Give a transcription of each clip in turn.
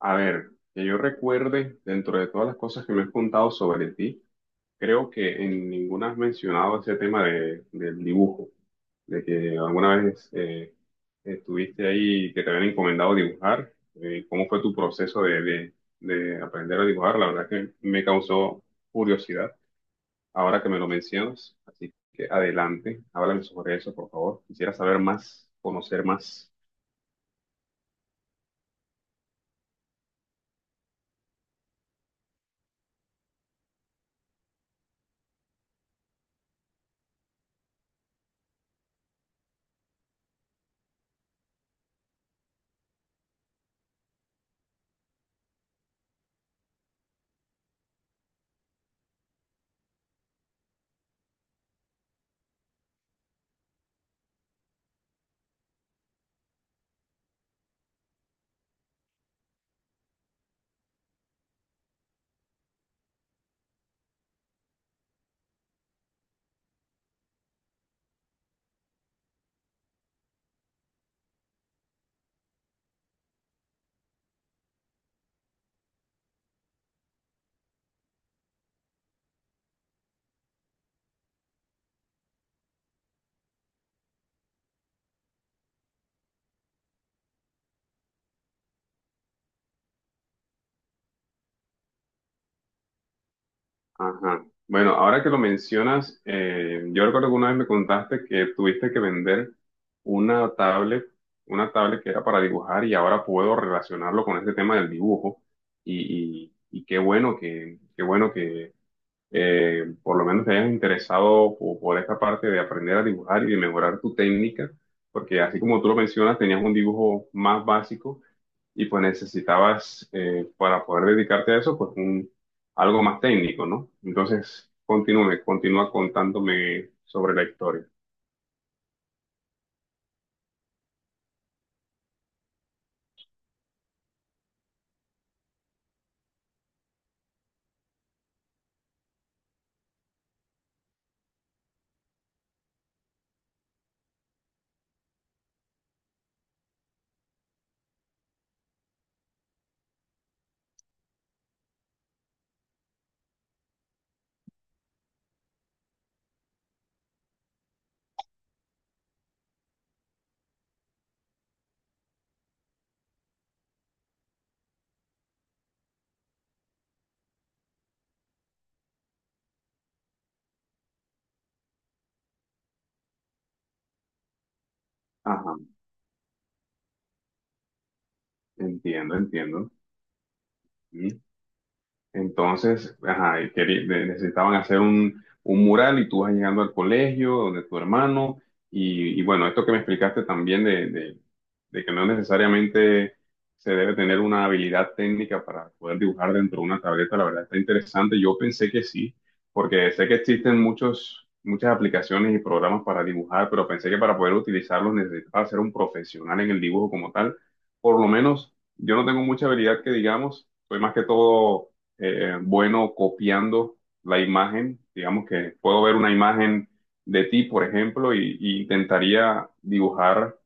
A ver, que yo recuerde, dentro de todas las cosas que me has contado sobre ti, creo que en ninguna has mencionado ese tema del dibujo, de que alguna vez estuviste ahí y que te habían encomendado dibujar. ¿Cómo fue tu proceso de aprender a dibujar? La verdad que me causó curiosidad ahora que me lo mencionas. Así que adelante, háblame sobre eso, por favor. Quisiera saber más, conocer más. Ajá. Bueno, ahora que lo mencionas, yo recuerdo que una vez me contaste que tuviste que vender una tablet, una tablet que era para dibujar, y ahora puedo relacionarlo con este tema del dibujo. Y qué bueno que por lo menos te hayas interesado por esta parte de aprender a dibujar y de mejorar tu técnica, porque así como tú lo mencionas, tenías un dibujo más básico y pues necesitabas para poder dedicarte a eso, pues un, algo más técnico, ¿no? Entonces, continúe, continúa contándome sobre la historia. Ajá, entiendo, entiendo. Mm. Entonces, ajá, y necesitaban hacer un mural y tú vas llegando al colegio, donde tu hermano, y bueno, esto que me explicaste también de que no necesariamente se debe tener una habilidad técnica para poder dibujar dentro de una tableta, la verdad está interesante. Yo pensé que sí, porque sé que existen muchos, muchas aplicaciones y programas para dibujar, pero pensé que para poder utilizarlos necesitaba ser un profesional en el dibujo como tal. Por lo menos yo no tengo mucha habilidad que digamos, soy más que todo bueno, copiando la imagen. Digamos que puedo ver una imagen de ti, por ejemplo, y intentaría dibujar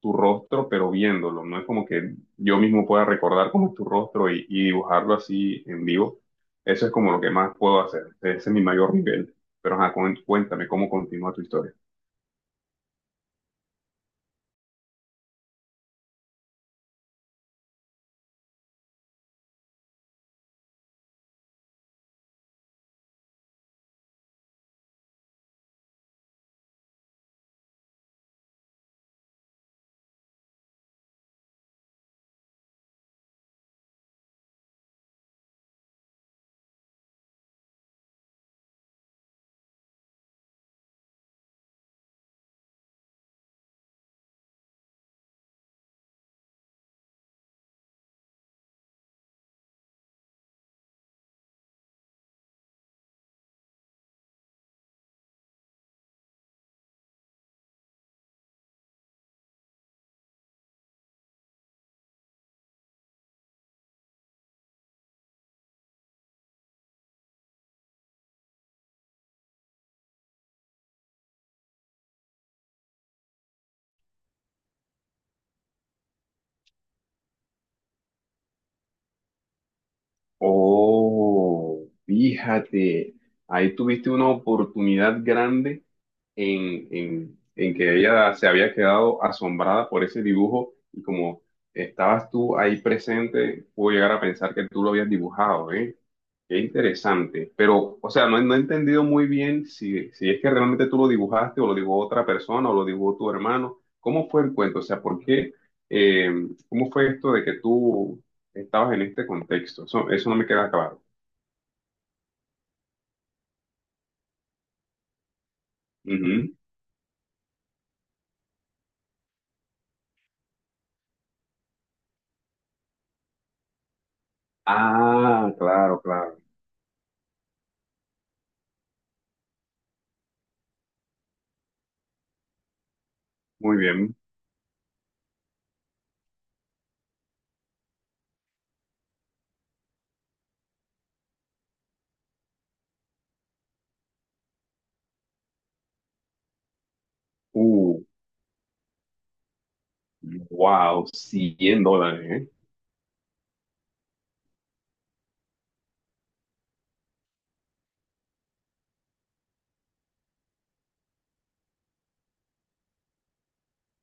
tu rostro, pero viéndolo. No es como que yo mismo pueda recordar cómo es tu rostro y dibujarlo así en vivo. Eso es como lo que más puedo hacer. Ese es mi mayor nivel. Pero ajá, cuéntame cómo continúa tu historia. Oh, fíjate, ahí tuviste una oportunidad grande en que ella se había quedado asombrada por ese dibujo, y como estabas tú ahí presente, pudo llegar a pensar que tú lo habías dibujado, ¿eh? Qué interesante. Pero, o sea, no, he no he entendido muy bien si, si es que realmente tú lo dibujaste, o lo dibujó otra persona, o lo dibujó tu hermano. ¿Cómo fue el cuento? O sea, ¿por qué? eh, ¿Cómo fue esto de que tú estabas en este contexto? Eso no me queda claro. Ujú. Ah, claro, claro. Muy bien. Uh, Wow, 100 dólares, ¿eh?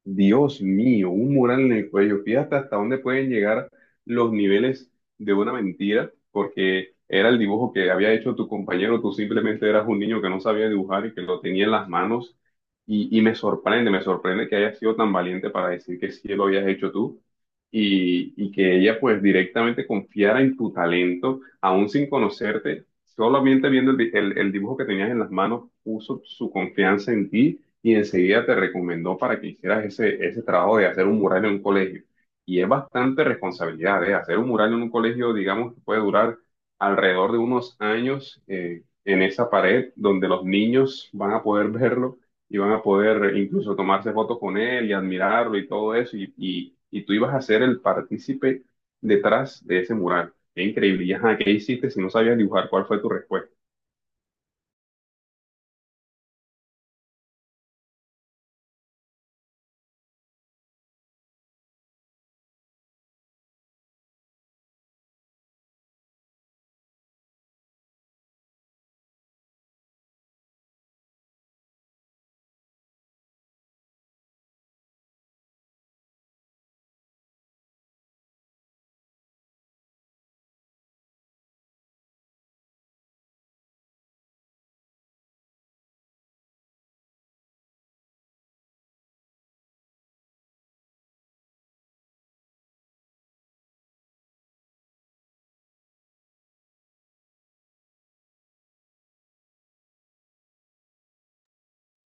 Dios mío, un mural en el cuello. Fíjate hasta dónde pueden llegar los niveles de una mentira, porque era el dibujo que había hecho tu compañero, tú simplemente eras un niño que no sabía dibujar y que lo tenía en las manos. Y me sorprende que hayas sido tan valiente para decir que sí lo habías hecho tú, y que ella pues directamente confiara en tu talento, aún sin conocerte, solamente viendo el el dibujo que tenías en las manos, puso su confianza en ti y enseguida te recomendó para que hicieras ese, ese trabajo de hacer un mural en un colegio. Y es bastante responsabilidad, ¿eh? Hacer un mural en un colegio, digamos, que puede durar alrededor de unos años en esa pared donde los niños van a poder verlo y van a poder incluso tomarse fotos con él y admirarlo y todo eso. Y tú ibas a ser el partícipe detrás de ese mural. Qué increíble. Y, ajá, ¿qué hiciste si no sabías dibujar? ¿Cuál fue tu respuesta?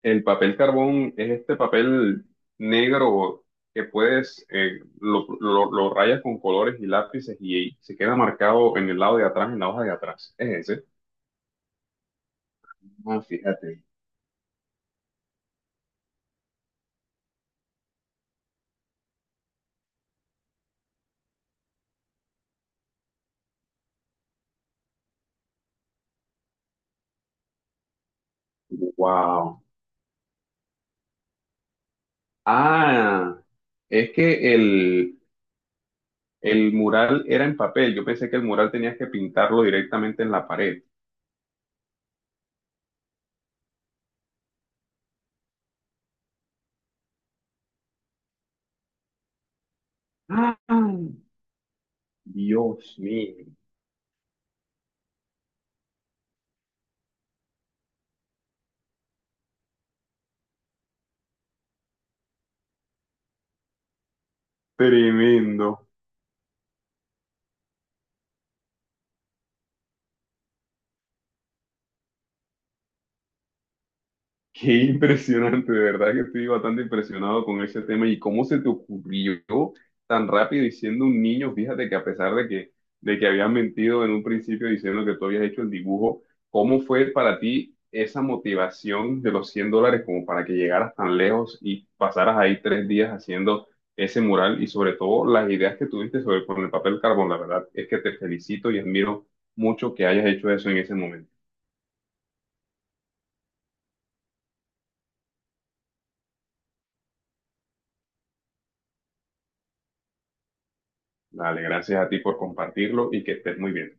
El papel carbón es este papel negro que puedes, lo rayas con colores y lápices y se queda marcado en el lado de atrás, en la hoja de atrás. Es ese. Ah, fíjate. Wow. Ah, es que el mural era en papel. Yo pensé que el mural tenías que pintarlo directamente en la pared. Ah, Dios mío. Tremendo. Qué impresionante, de verdad que estoy bastante impresionado con ese tema y cómo se te ocurrió tan rápido y siendo un niño, fíjate que a pesar de que habías mentido en un principio diciendo que tú habías hecho el dibujo, ¿cómo fue para ti esa motivación de los $100 como para que llegaras tan lejos y pasaras ahí 3 días haciendo ese mural y sobre todo las ideas que tuviste sobre con el papel carbón? La verdad es que te felicito y admiro mucho que hayas hecho eso en ese momento. Dale, gracias a ti por compartirlo y que estés muy bien.